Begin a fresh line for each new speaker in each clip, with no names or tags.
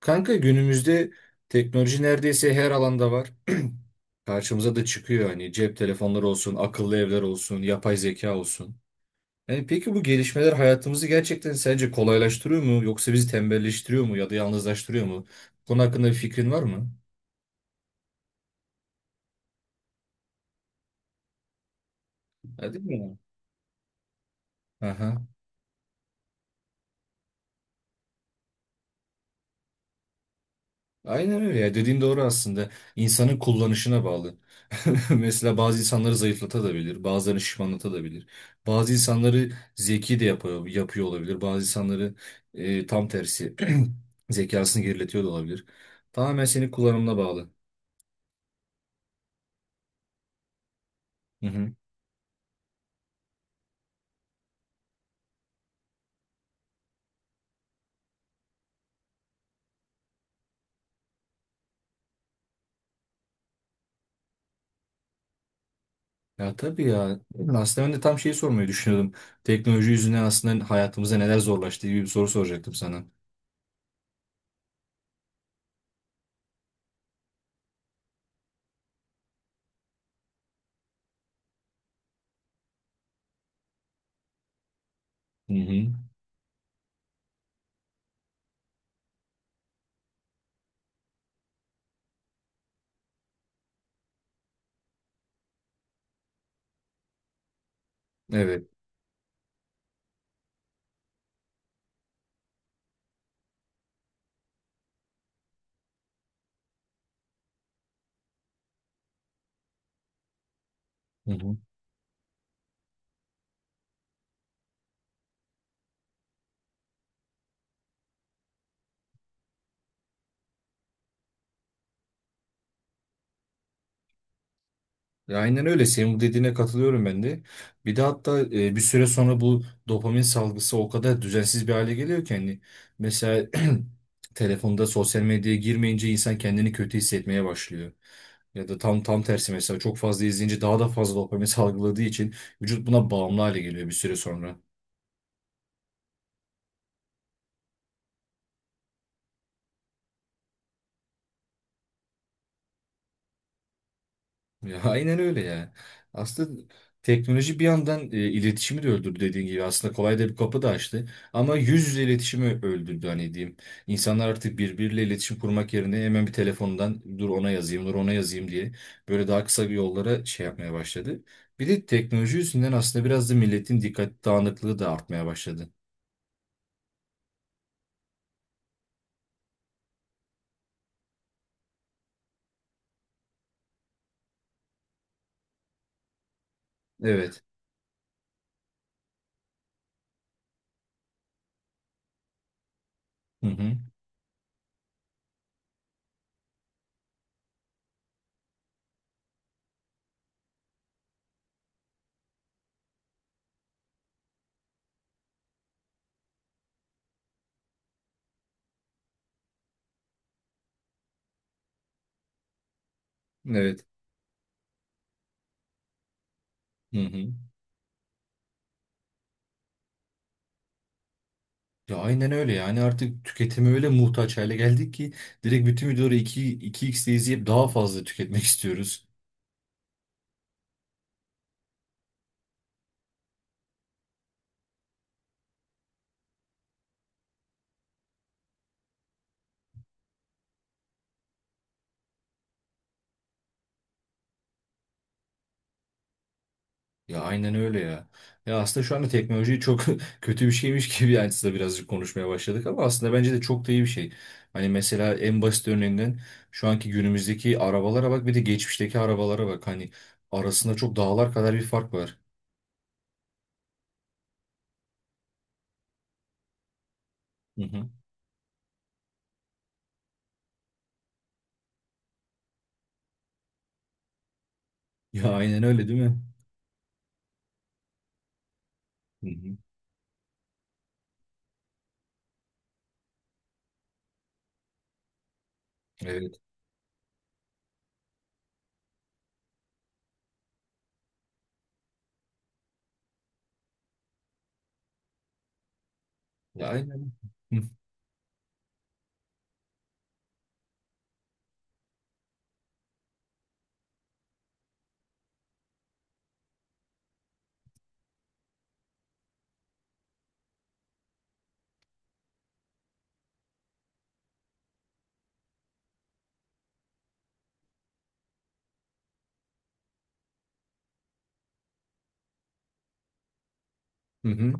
Kanka günümüzde teknoloji neredeyse her alanda var. Karşımıza da çıkıyor hani cep telefonları olsun, akıllı evler olsun, yapay zeka olsun. Yani peki bu gelişmeler hayatımızı gerçekten sence kolaylaştırıyor mu yoksa bizi tembelleştiriyor mu ya da yalnızlaştırıyor mu? Bu konu hakkında bir fikrin var mı? Ha, değil mi? Aha. Aynen öyle ya, dediğin doğru aslında. İnsanın kullanışına bağlı. Mesela bazı insanları zayıflatabilir, bazılarını şişmanlatabilir. Bazı insanları zeki de yapıyor, yapıyor olabilir. Bazı insanları tam tersi zekasını geriletiyor da olabilir. Tamamen senin kullanımına bağlı. Hı hı. Ya tabii ya. Aslında ben de tam şeyi sormayı düşünüyordum. Teknoloji yüzünden aslında hayatımıza neler zorlaştı gibi bir soru soracaktım sana. Hı hı. Evet. Hı hı. Ya aynen öyle. Senin bu dediğine katılıyorum ben de. Bir de hatta bir süre sonra bu dopamin salgısı o kadar düzensiz bir hale geliyor ki hani mesela telefonda sosyal medyaya girmeyince insan kendini kötü hissetmeye başlıyor. Ya da tam tersi mesela çok fazla izleyince daha da fazla dopamin salgıladığı için vücut buna bağımlı hale geliyor bir süre sonra. Ya, aynen öyle ya. Aslında teknoloji bir yandan iletişimi de öldürdü dediğin gibi. Aslında kolay da bir kapı da açtı. Ama yüz yüze iletişimi öldürdü hani, diyeyim. İnsanlar artık birbiriyle iletişim kurmak yerine hemen bir telefondan dur ona yazayım, dur ona yazayım diye böyle daha kısa bir yollara şey yapmaya başladı. Bir de teknoloji yüzünden aslında biraz da milletin dikkat dağınıklığı da artmaya başladı. Evet. Hı hı. Evet. Hı hı. Ya aynen öyle, yani artık tüketime öyle muhtaç hale geldik ki direkt bütün videoları 2x'de izleyip daha fazla tüketmek istiyoruz. Ya aynen öyle ya. Ya, aslında şu anda teknoloji çok kötü bir şeymiş gibi yani size birazcık konuşmaya başladık, ama aslında bence de çok da iyi bir şey. Hani mesela en basit örneğinden şu anki günümüzdeki arabalara bak, bir de geçmişteki arabalara bak. Hani arasında çok dağlar kadar bir fark var. Hı hı. Ya aynen öyle, değil mi? Hı hı. Evet. Ya aynen. Hı hı.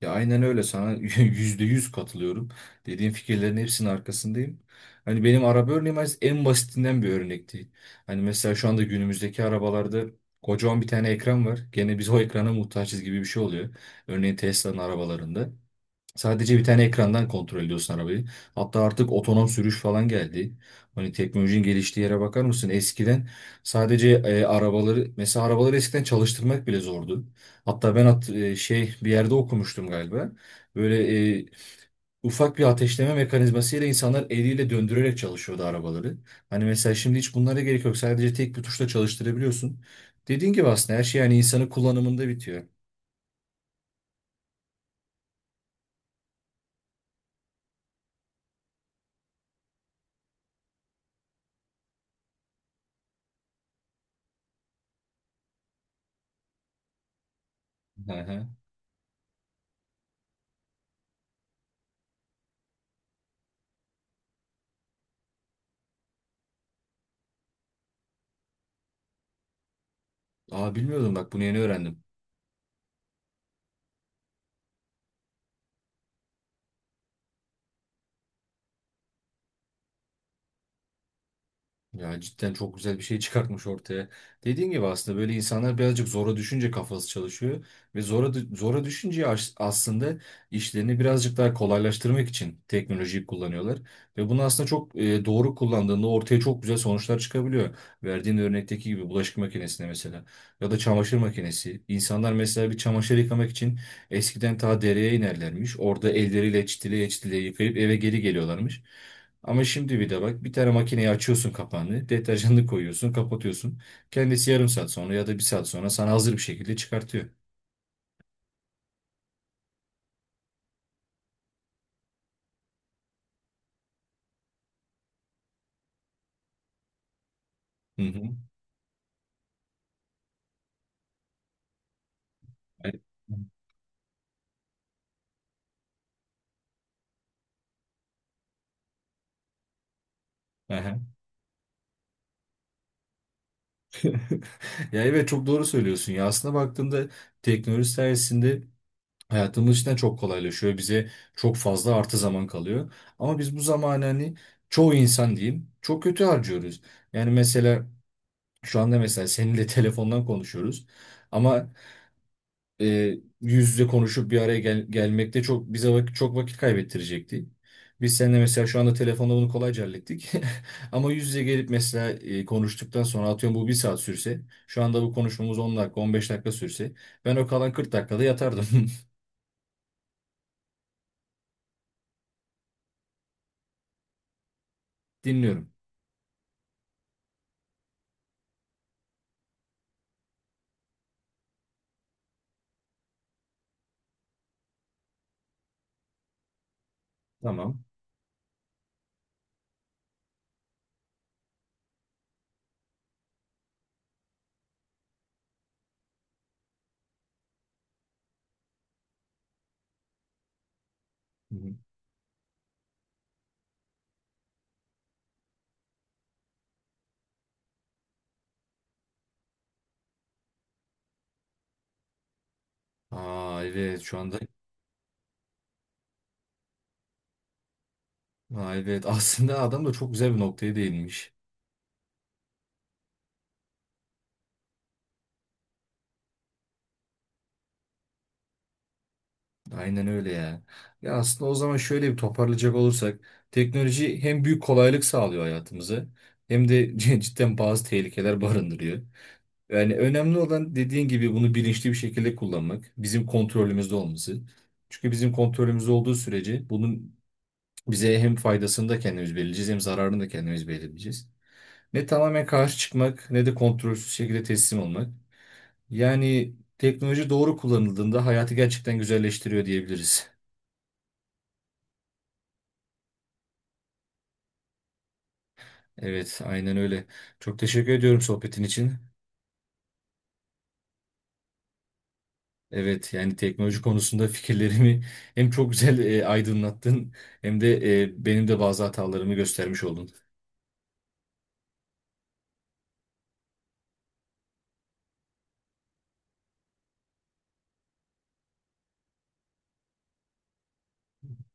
Ya aynen öyle, sana %100 katılıyorum. Dediğin fikirlerin hepsinin arkasındayım. Hani benim araba örneğim en basitinden bir örnekti. Hani mesela şu anda günümüzdeki arabalarda kocaman bir tane ekran var. Gene biz o ekrana muhtaçız gibi bir şey oluyor. Örneğin Tesla'nın arabalarında. Sadece bir tane ekrandan kontrol ediyorsun arabayı. Hatta artık otonom sürüş falan geldi. Hani teknolojinin geliştiği yere bakar mısın? Eskiden sadece mesela arabaları eskiden çalıştırmak bile zordu. Hatta ben şey bir yerde okumuştum galiba. Böyle ufak bir ateşleme mekanizmasıyla insanlar eliyle döndürerek çalışıyordu arabaları. Hani mesela şimdi hiç bunlara gerek yok. Sadece tek bir tuşla çalıştırabiliyorsun. Dediğin gibi aslında her şey yani insanın kullanımında bitiyor. Hı hı. Aa, bilmiyordum bak, bunu yeni öğrendim. Ya cidden çok güzel bir şey çıkartmış ortaya. Dediğin gibi aslında böyle insanlar birazcık zora düşünce kafası çalışıyor ve zora zora düşünce aslında işlerini birazcık daha kolaylaştırmak için teknolojiyi kullanıyorlar ve bunu aslında çok doğru kullandığında ortaya çok güzel sonuçlar çıkabiliyor. Verdiğin örnekteki gibi bulaşık makinesine, mesela ya da çamaşır makinesi. İnsanlar mesela bir çamaşır yıkamak için eskiden ta dereye inerlermiş. Orada elleriyle çitileye çitileye yıkayıp eve geri geliyorlarmış. Ama şimdi bir de bak, bir tane makineyi açıyorsun, kapağını, deterjanını koyuyorsun, kapatıyorsun. Kendisi yarım saat sonra ya da bir saat sonra sana hazır bir şekilde çıkartıyor. Hı hı. Yani... Aha. Ya evet, çok doğru söylüyorsun ya. Aslında baktığımda teknoloji sayesinde hayatımız içinden çok kolaylaşıyor. Bize çok fazla artı zaman kalıyor. Ama biz bu zamanı hani, çoğu insan diyeyim, çok kötü harcıyoruz. Yani mesela şu anda mesela seninle telefondan konuşuyoruz. Ama yüz yüze konuşup bir araya gelmekte çok bize çok vakit kaybettirecekti. Biz seninle mesela şu anda telefonda bunu kolayca hallettik. Ama yüz yüze gelip mesela konuştuktan sonra, atıyorum bu bir saat sürse, şu anda bu konuşmamız 10 dakika 15 dakika sürse, ben o kalan 40 dakikada yatardım. Dinliyorum. Tamam. Hı hı. Aa evet, şu anda. Aa, evet, aslında adam da çok güzel bir noktaya değinmiş. Aynen öyle ya. Ya aslında o zaman şöyle bir toparlayacak olursak, teknoloji hem büyük kolaylık sağlıyor hayatımıza, hem de cidden bazı tehlikeler barındırıyor. Yani önemli olan, dediğin gibi, bunu bilinçli bir şekilde kullanmak, bizim kontrolümüzde olması. Çünkü bizim kontrolümüzde olduğu sürece bunun bize hem faydasını da kendimiz belirleyeceğiz, hem zararını da kendimiz belirleyeceğiz. Ne tamamen karşı çıkmak, ne de kontrolsüz şekilde teslim olmak. Yani teknoloji doğru kullanıldığında hayatı gerçekten güzelleştiriyor, diyebiliriz. Evet, aynen öyle. Çok teşekkür ediyorum sohbetin için. Evet, yani teknoloji konusunda fikirlerimi hem çok güzel aydınlattın, hem de benim de bazı hatalarımı göstermiş oldun.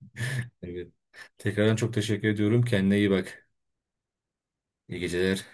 Evet. Tekrardan çok teşekkür ediyorum. Kendine iyi bak. İyi geceler.